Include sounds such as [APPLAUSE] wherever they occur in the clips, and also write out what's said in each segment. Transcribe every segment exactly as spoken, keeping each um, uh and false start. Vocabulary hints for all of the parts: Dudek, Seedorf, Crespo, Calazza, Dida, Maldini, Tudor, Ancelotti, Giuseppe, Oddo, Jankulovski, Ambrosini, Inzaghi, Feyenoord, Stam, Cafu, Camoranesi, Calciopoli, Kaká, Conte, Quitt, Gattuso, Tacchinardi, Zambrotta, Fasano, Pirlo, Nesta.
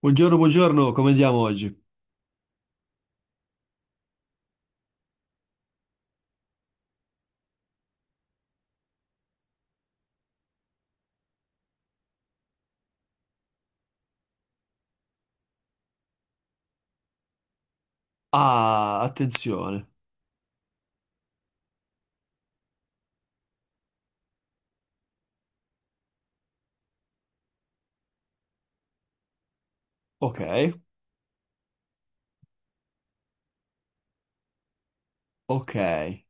Buongiorno, buongiorno, come andiamo oggi? Ah, attenzione. Ok, ok.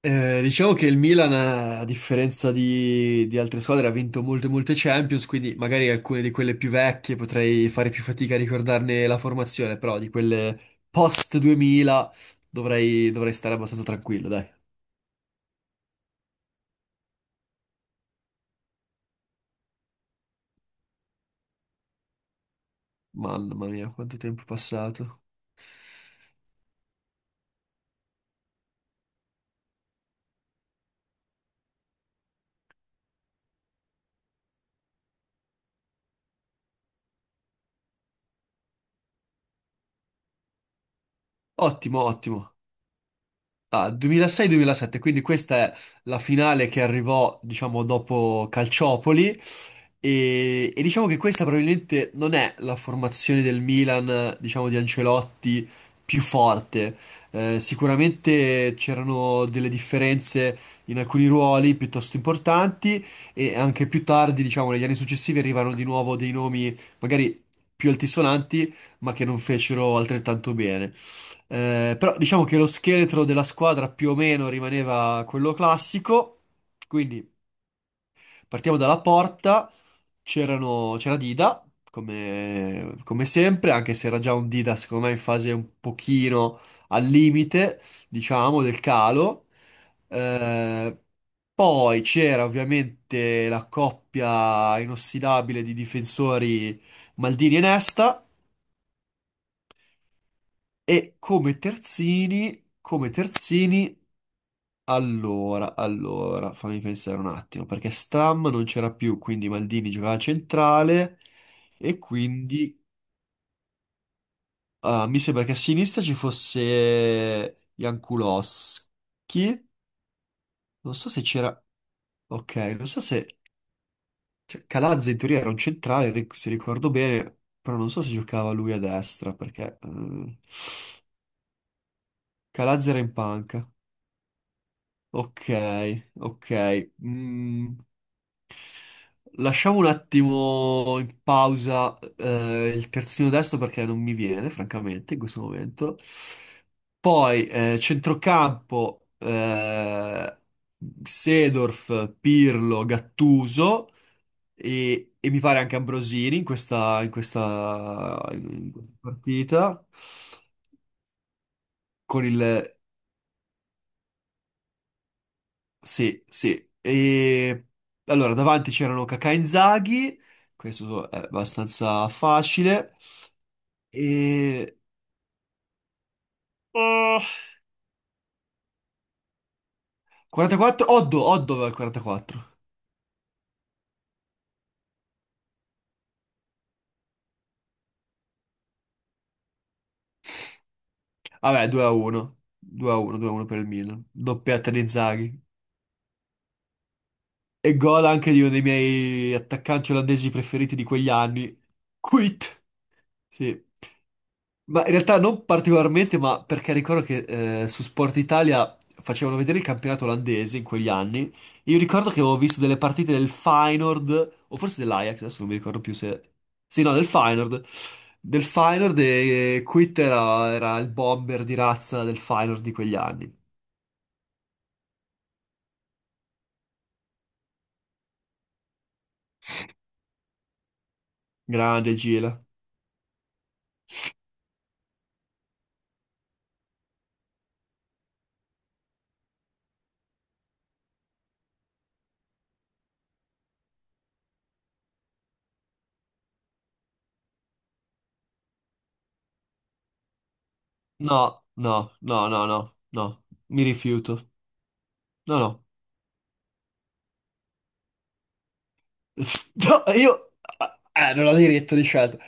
Eh, diciamo che il Milan, eh, a differenza di, di altre squadre, ha vinto molte, molte Champions, quindi magari alcune di quelle più vecchie potrei fare più fatica a ricordarne la formazione, però di quelle post duemila dovrei, dovrei stare abbastanza tranquillo, dai. Mamma mia, quanto tempo è passato. Ottimo, ottimo. Ah, duemilasei duemilasette, quindi questa è la finale che arrivò, diciamo, dopo Calciopoli e, e diciamo che questa probabilmente non è la formazione del Milan, diciamo, di Ancelotti più forte. Eh, sicuramente c'erano delle differenze in alcuni ruoli piuttosto importanti e anche più tardi, diciamo, negli anni successivi arrivarono di nuovo dei nomi magari più altisonanti, ma che non fecero altrettanto bene. Eh, però diciamo che lo scheletro della squadra più o meno rimaneva quello classico. Quindi partiamo dalla porta. C'erano- c'era Dida, come, come sempre, anche se era già un Dida, secondo me, in fase un pochino al limite, diciamo, del calo. Eh, poi c'era ovviamente la coppia inossidabile di difensori Maldini e Nesta. E come terzini, come terzini. Allora, allora, fammi pensare un attimo, perché Stam non c'era più, quindi Maldini giocava a centrale e quindi ah, mi sembra che a sinistra ci fosse Jankulovski, non so se c'era, ok, non so se cioè, Calazza in teoria era un centrale, ric- se ricordo bene, però non so se giocava lui a destra, perché eh, Calazza era in panca. Ok, ok. Mm, lasciamo un attimo in pausa eh, il terzino destro perché non mi viene, francamente, in questo momento. Poi eh, centrocampo, eh, Seedorf, Pirlo, Gattuso e, e mi pare anche Ambrosini in questa, in questa, in questa partita. Con il... Sì, sì. E, allora, davanti c'erano Kaká e Inzaghi, questo è abbastanza facile. E... oh, quarantaquattro? Oddo, Oddo aveva il quarantaquattro. Vabbè, due a uno. due a uno, due a uno per il Milan. Doppietta di Inzaghi. E gol anche di uno dei miei attaccanti olandesi preferiti di quegli anni. Quit. Sì. Ma in realtà non particolarmente, ma perché ricordo che eh, su Sport Italia facevano vedere il campionato olandese in quegli anni. Io ricordo che avevo visto delle partite del Feyenoord, o forse dell'Ajax, adesso non mi ricordo più se... Sì, no, del Feyenoord. Del Feyenoord e Quitt era, era il bomber di razza del Feyenoord di quegli anni. Grande Gila. No, no, no, no, no, no. Mi rifiuto. No, no. [LAUGHS] No, io... Eh, non ho diritto di scelta.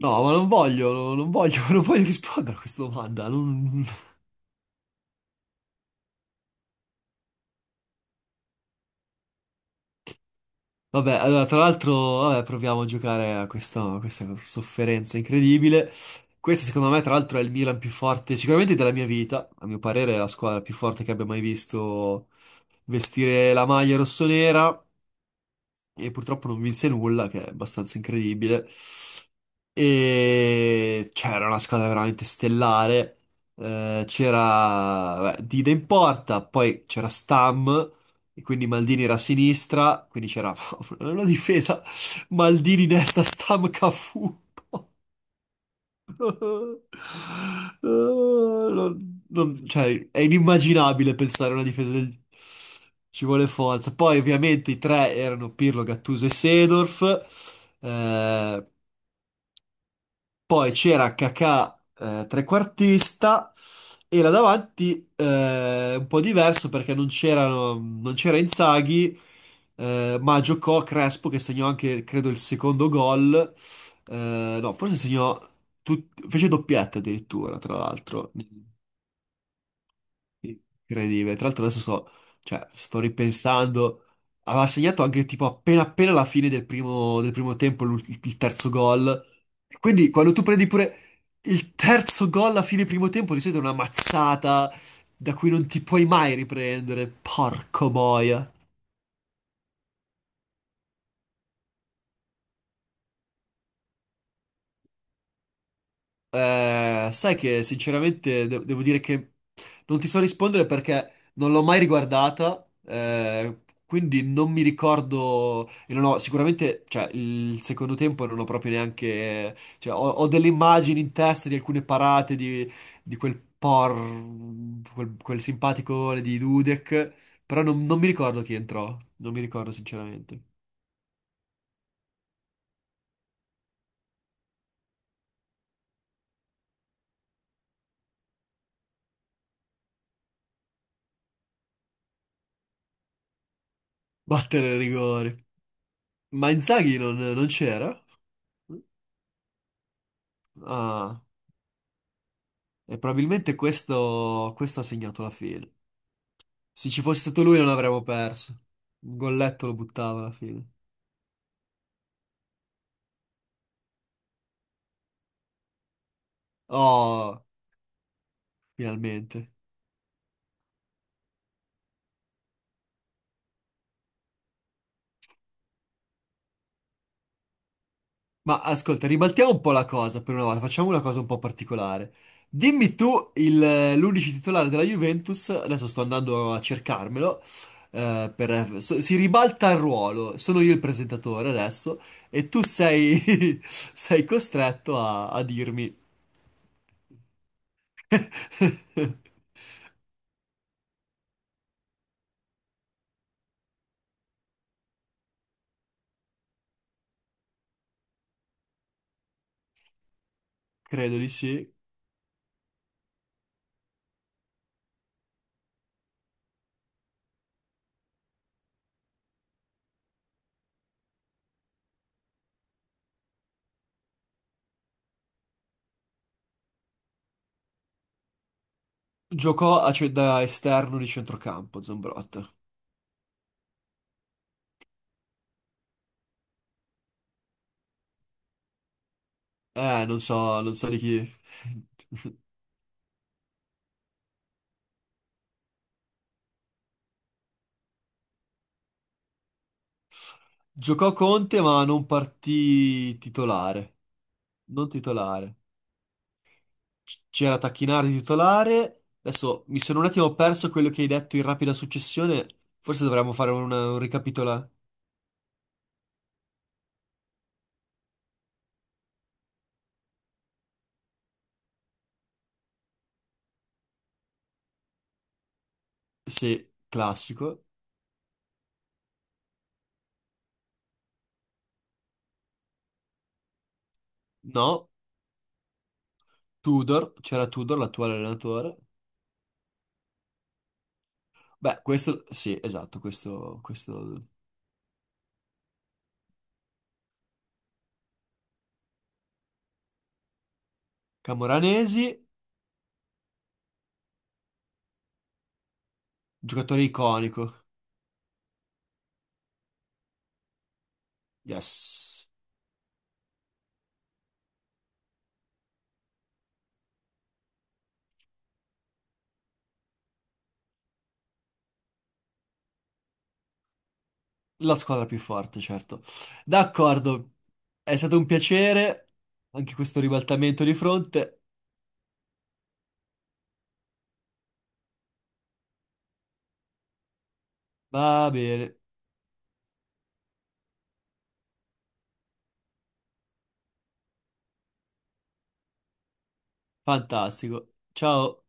No, ma non voglio, no- non voglio, [LAUGHS] non voglio rispondere a questa domanda. non- Vabbè, allora, tra l'altro, vabbè, proviamo a giocare a questa, a questa sofferenza incredibile. Questo, secondo me, tra l'altro, è il Milan più forte, sicuramente della mia vita. A mio parere, è la squadra più forte che abbia mai visto vestire la maglia rossonera. E purtroppo non vinse nulla, che è abbastanza incredibile. E c'era una squadra veramente stellare. Eh, c'era beh, Dida in porta, poi c'era Stam, e quindi Maldini era a sinistra, quindi c'era [LAUGHS] una difesa Maldini, Nesta, Stam, Cafu. [LAUGHS] Non- non- cioè, è inimmaginabile pensare a una difesa del... Ci vuole forza. Poi, ovviamente, i tre erano Pirlo, Gattuso e Seedorf. Eh, poi c'era Kakà, eh, trequartista, e là davanti eh, un po' diverso perché non c'erano, non c'era Inzaghi, eh, ma giocò Crespo che segnò anche, credo, il secondo gol. Eh, no, forse segnò, tut- fece doppietta addirittura, tra l'altro. Incredibile. Tra l'altro adesso sto, cioè, sto ripensando. Aveva segnato anche tipo appena appena alla fine del primo, del primo tempo l'ul- il, il terzo gol. Quindi quando tu prendi pure il terzo gol alla fine primo tempo, di solito è una mazzata da cui non ti puoi mai riprendere. Porco boia. Eh, sai che sinceramente de- devo dire che non ti so rispondere perché non l'ho mai riguardata, eh, quindi non mi ricordo e non ho sicuramente, cioè, il secondo tempo non ho proprio neanche, cioè, ho, ho delle immagini in testa di alcune parate di, di quel por, quel, quel simpaticone di Dudek, però non, non mi ricordo chi entrò, non mi ricordo sinceramente. Battere il rigore. Ma Inzaghi non, non c'era? Ah. E probabilmente questo, questo ha segnato la fine. Se ci fosse stato lui non avremmo perso. Un golletto lo buttava alla fine. Oh, finalmente. Ma ascolta, ribaltiamo un po' la cosa per una volta, facciamo una cosa un po' particolare. Dimmi tu il- l'unici titolare della Juventus, adesso sto andando a cercarmelo, eh, per- so- si ribalta il ruolo, sono io il presentatore adesso e tu sei, [LAUGHS] sei costretto a a dirmi... [LAUGHS] Credo di sì. Giocò a, cioè, da esterno di centrocampo, Zambrotta. Eh, non so, non so di chi. [LAUGHS] Giocò Conte, ma non partì titolare. Non titolare. C- C'era Tacchinardi titolare. Adesso mi sono un attimo perso quello che hai detto in rapida successione. Forse dovremmo fare una- un ricapitola. Sì, classico. No, Tudor. C'era Tudor, l'attuale allenatore. Beh, questo... Sì, esatto, questo... questo... Camoranesi. Giocatore iconico. Yes. La squadra più forte, certo. D'accordo. È stato un piacere. Anche questo ribaltamento di fronte. Va bene. Fantastico. Ciao.